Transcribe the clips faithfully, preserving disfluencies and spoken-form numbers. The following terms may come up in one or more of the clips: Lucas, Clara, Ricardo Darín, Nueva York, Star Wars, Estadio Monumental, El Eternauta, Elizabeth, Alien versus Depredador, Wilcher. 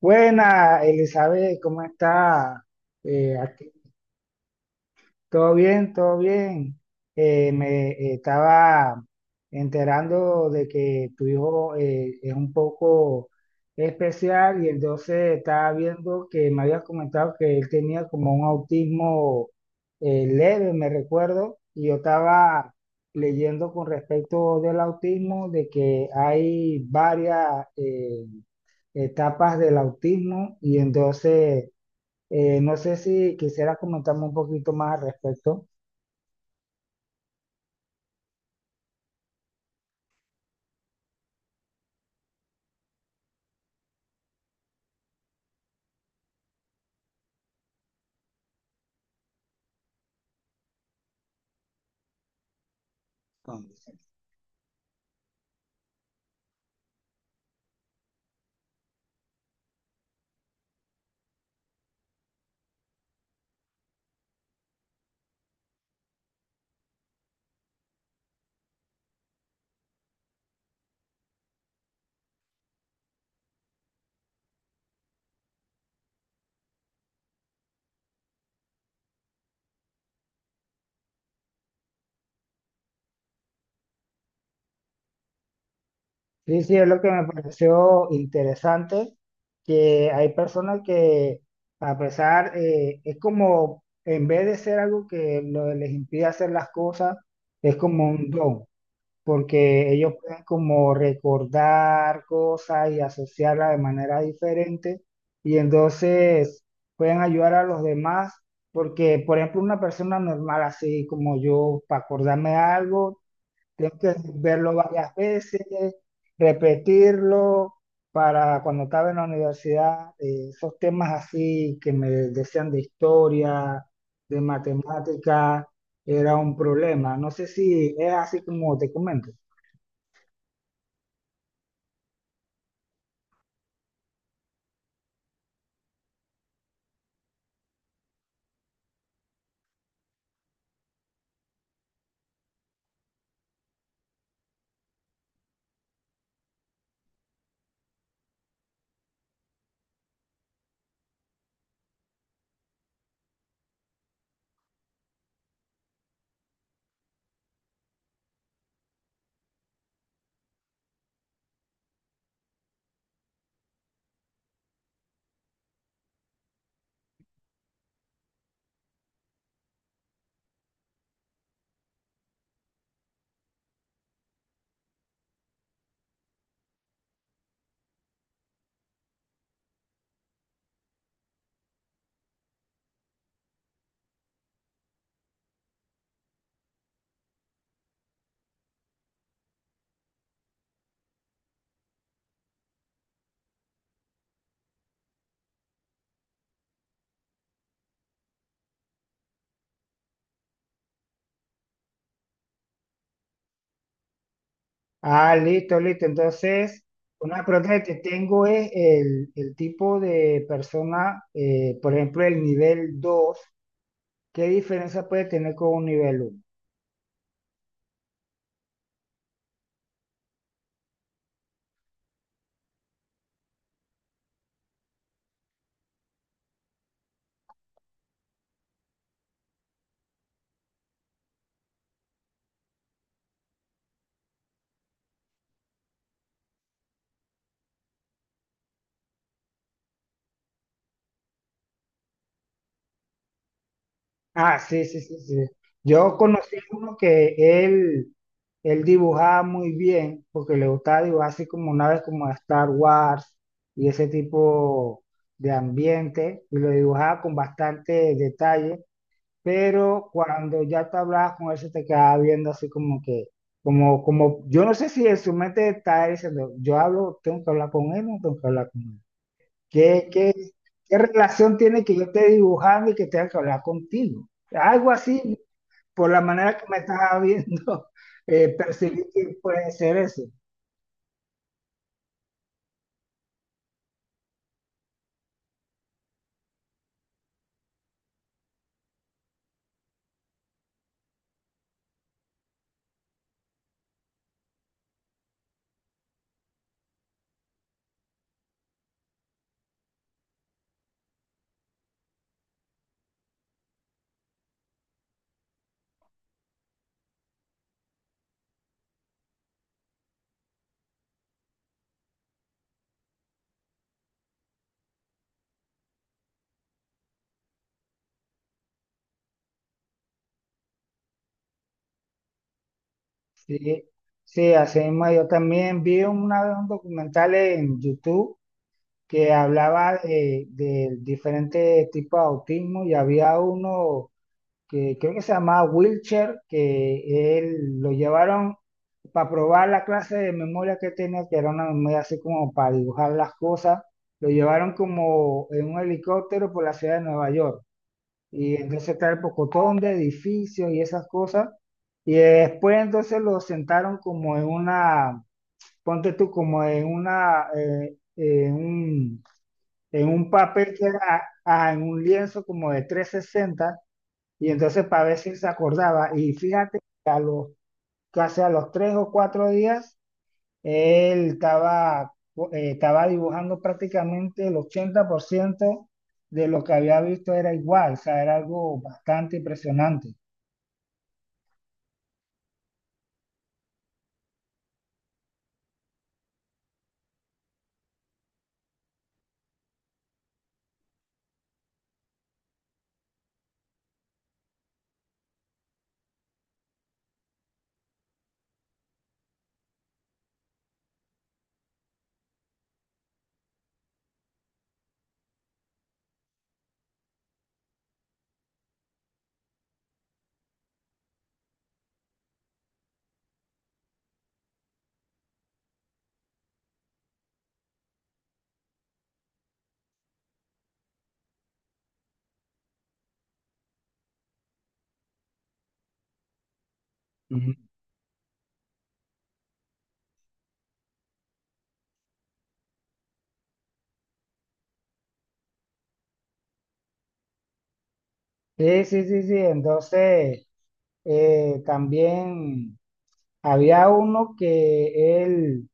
Buena, Elizabeth, ¿cómo está? Eh, aquí- todo bien, todo bien. Eh, me eh, estaba enterando de que tu hijo eh, es un poco especial, y entonces estaba viendo que me habías comentado que él tenía como un autismo eh, leve, me recuerdo, y yo estaba leyendo con respecto del autismo, de que hay varias... eh, etapas del autismo. Y entonces eh, no sé si quisiera comentarme un poquito más al respecto. Sí, sí, es lo que me pareció interesante, que hay personas que a pesar, eh, es como, en vez de ser algo que lo- les impide hacer las cosas, es como un don. Porque ellos pueden como recordar cosas y asociarlas de manera diferente, y entonces pueden ayudar a los demás, porque por ejemplo una persona normal así como yo, para acordarme de algo, tengo que verlo varias veces, repetirlo. Para cuando estaba en la universidad, eh, esos temas así que me decían de historia, de matemática, era un problema. No sé si es así como te comento. Ah, listo, listo. Entonces, una pregunta que te tengo es el, el tipo de persona, eh, por ejemplo, el nivel dos, ¿qué diferencia puede tener con un nivel uno? Ah, sí, sí, sí, sí. Yo conocí uno que él, él dibujaba muy bien, porque le gustaba dibujar así como naves como de Star Wars y ese tipo de ambiente, y lo dibujaba con bastante detalle. Pero cuando ya te hablabas con él, se te quedaba viendo así como que, como, como, yo no sé si en su mente está diciendo, yo hablo, tengo que hablar con él, no tengo que hablar con él. ¿Qué, qué, ¿qué relación tiene que yo esté dibujando y que tenga que hablar contigo? Algo así, por la manera que me estás viendo, eh, percibí que puede ser eso. Sí, sí, así mismo yo también vi una vez un documental en YouTube que hablaba eh, de diferentes tipos de autismo, y había uno que creo que se llamaba Wilcher, que él lo llevaron para probar la clase de memoria que tenía, que era una memoria así como para dibujar las cosas. Lo llevaron como en un helicóptero por la ciudad de Nueva York. Y entonces está el pocotón de edificios y esas cosas. Y después entonces lo sentaron como en una, ponte tú, como en una, eh, eh, un, en un papel que era ah, en un lienzo como de trescientos sesenta, y entonces para ver si se acordaba. Y fíjate que a los, casi a los tres o cuatro días él estaba, eh, estaba dibujando prácticamente el ochenta por ciento de lo que había visto era igual, o sea, era algo bastante impresionante. Ujú. Sí, sí, sí, sí. Entonces, eh, también había uno que él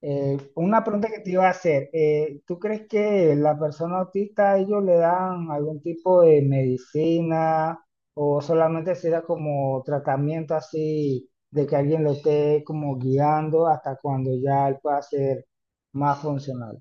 Eh, una pregunta que te iba a hacer, eh, ¿tú crees que la persona autista, ellos le dan algún tipo de medicina, o solamente se da como tratamiento así de que alguien lo esté como guiando hasta cuando ya él pueda ser más funcional?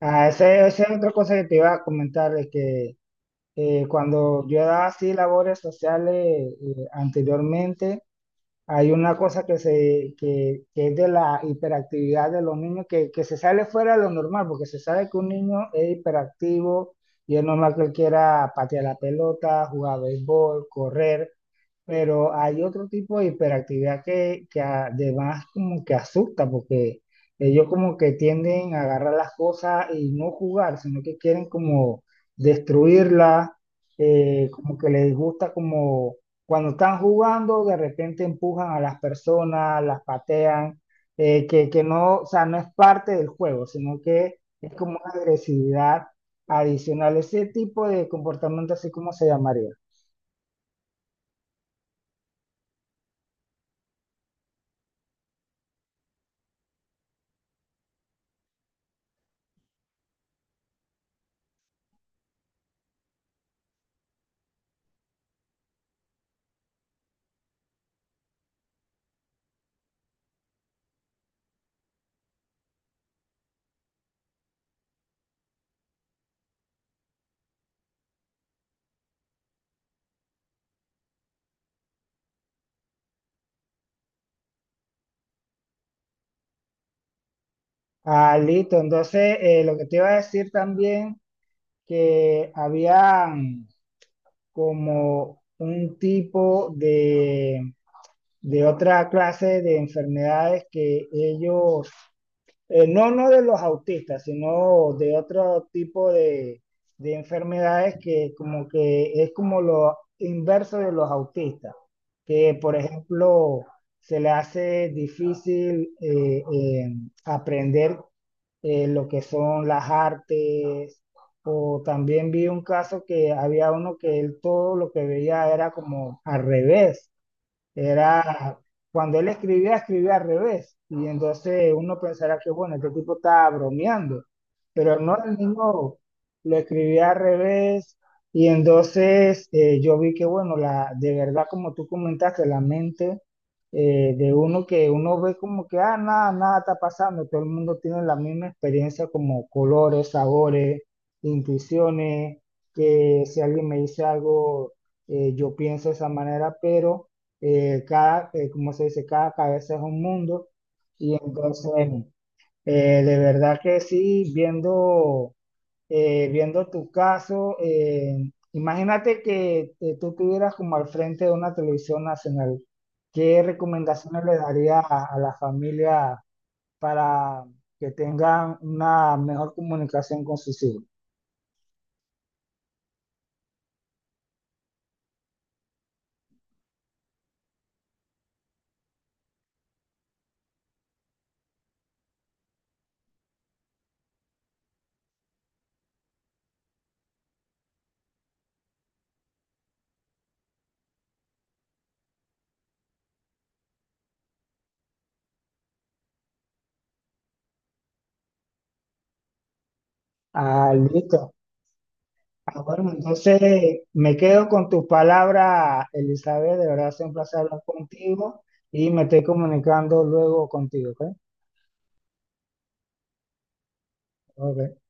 Ah, esa, esa es otra cosa que te iba a comentar, de que eh, cuando yo daba así labores sociales eh, anteriormente, hay una cosa que, se, que, que es de la hiperactividad de los niños que, que se sale fuera de lo normal, porque se sabe que un niño es hiperactivo y es normal que él quiera patear la pelota, jugar béisbol, correr, pero hay otro tipo de hiperactividad que, que además como que asusta, porque ellos como que tienden a agarrar las cosas y no jugar, sino que quieren como destruirlas. Eh, como que les gusta como cuando están jugando, de repente empujan a las personas, las patean, eh, que, que no, o sea, no es parte del juego, sino que es como una agresividad adicional. Ese tipo de comportamiento, así, como se llamaría? Ah, listo. Entonces, eh, lo que te iba a decir también, que había como un tipo de, de otra clase de enfermedades que ellos Eh, no, no de los autistas, sino de otro tipo de, de enfermedades que como que es como lo inverso de los autistas, que por ejemplo se le hace difícil eh, eh, aprender eh, lo que son las artes. O también vi un caso que había uno que él todo lo que veía era como al revés, era cuando él escribía, escribía al revés. Y entonces uno pensará que, bueno, este tipo estaba bromeando. Pero no, el niño lo escribía al revés. Y entonces eh, yo vi que, bueno, la, de verdad, como tú comentaste, la mente eh, de uno que uno ve como que, ah, nada, nada está pasando. Todo el mundo tiene la misma experiencia como colores, sabores, intuiciones, que si alguien me dice algo, eh, yo pienso de esa manera. Pero eh, cada, eh, como se dice, cada cabeza es un mundo. Y entonces, eh, de verdad que sí, viendo, eh, viendo tu caso, eh, imagínate que eh, tú estuvieras como al frente de una televisión nacional. ¿Qué recomendaciones le darías a, a la familia para que tengan una mejor comunicación con sus hijos? Ah, listo. Ah, bueno, entonces me quedo con tus palabras, Elizabeth. De verdad, es un placer hablar contigo, y me estoy comunicando luego contigo, ¿ok? Ok.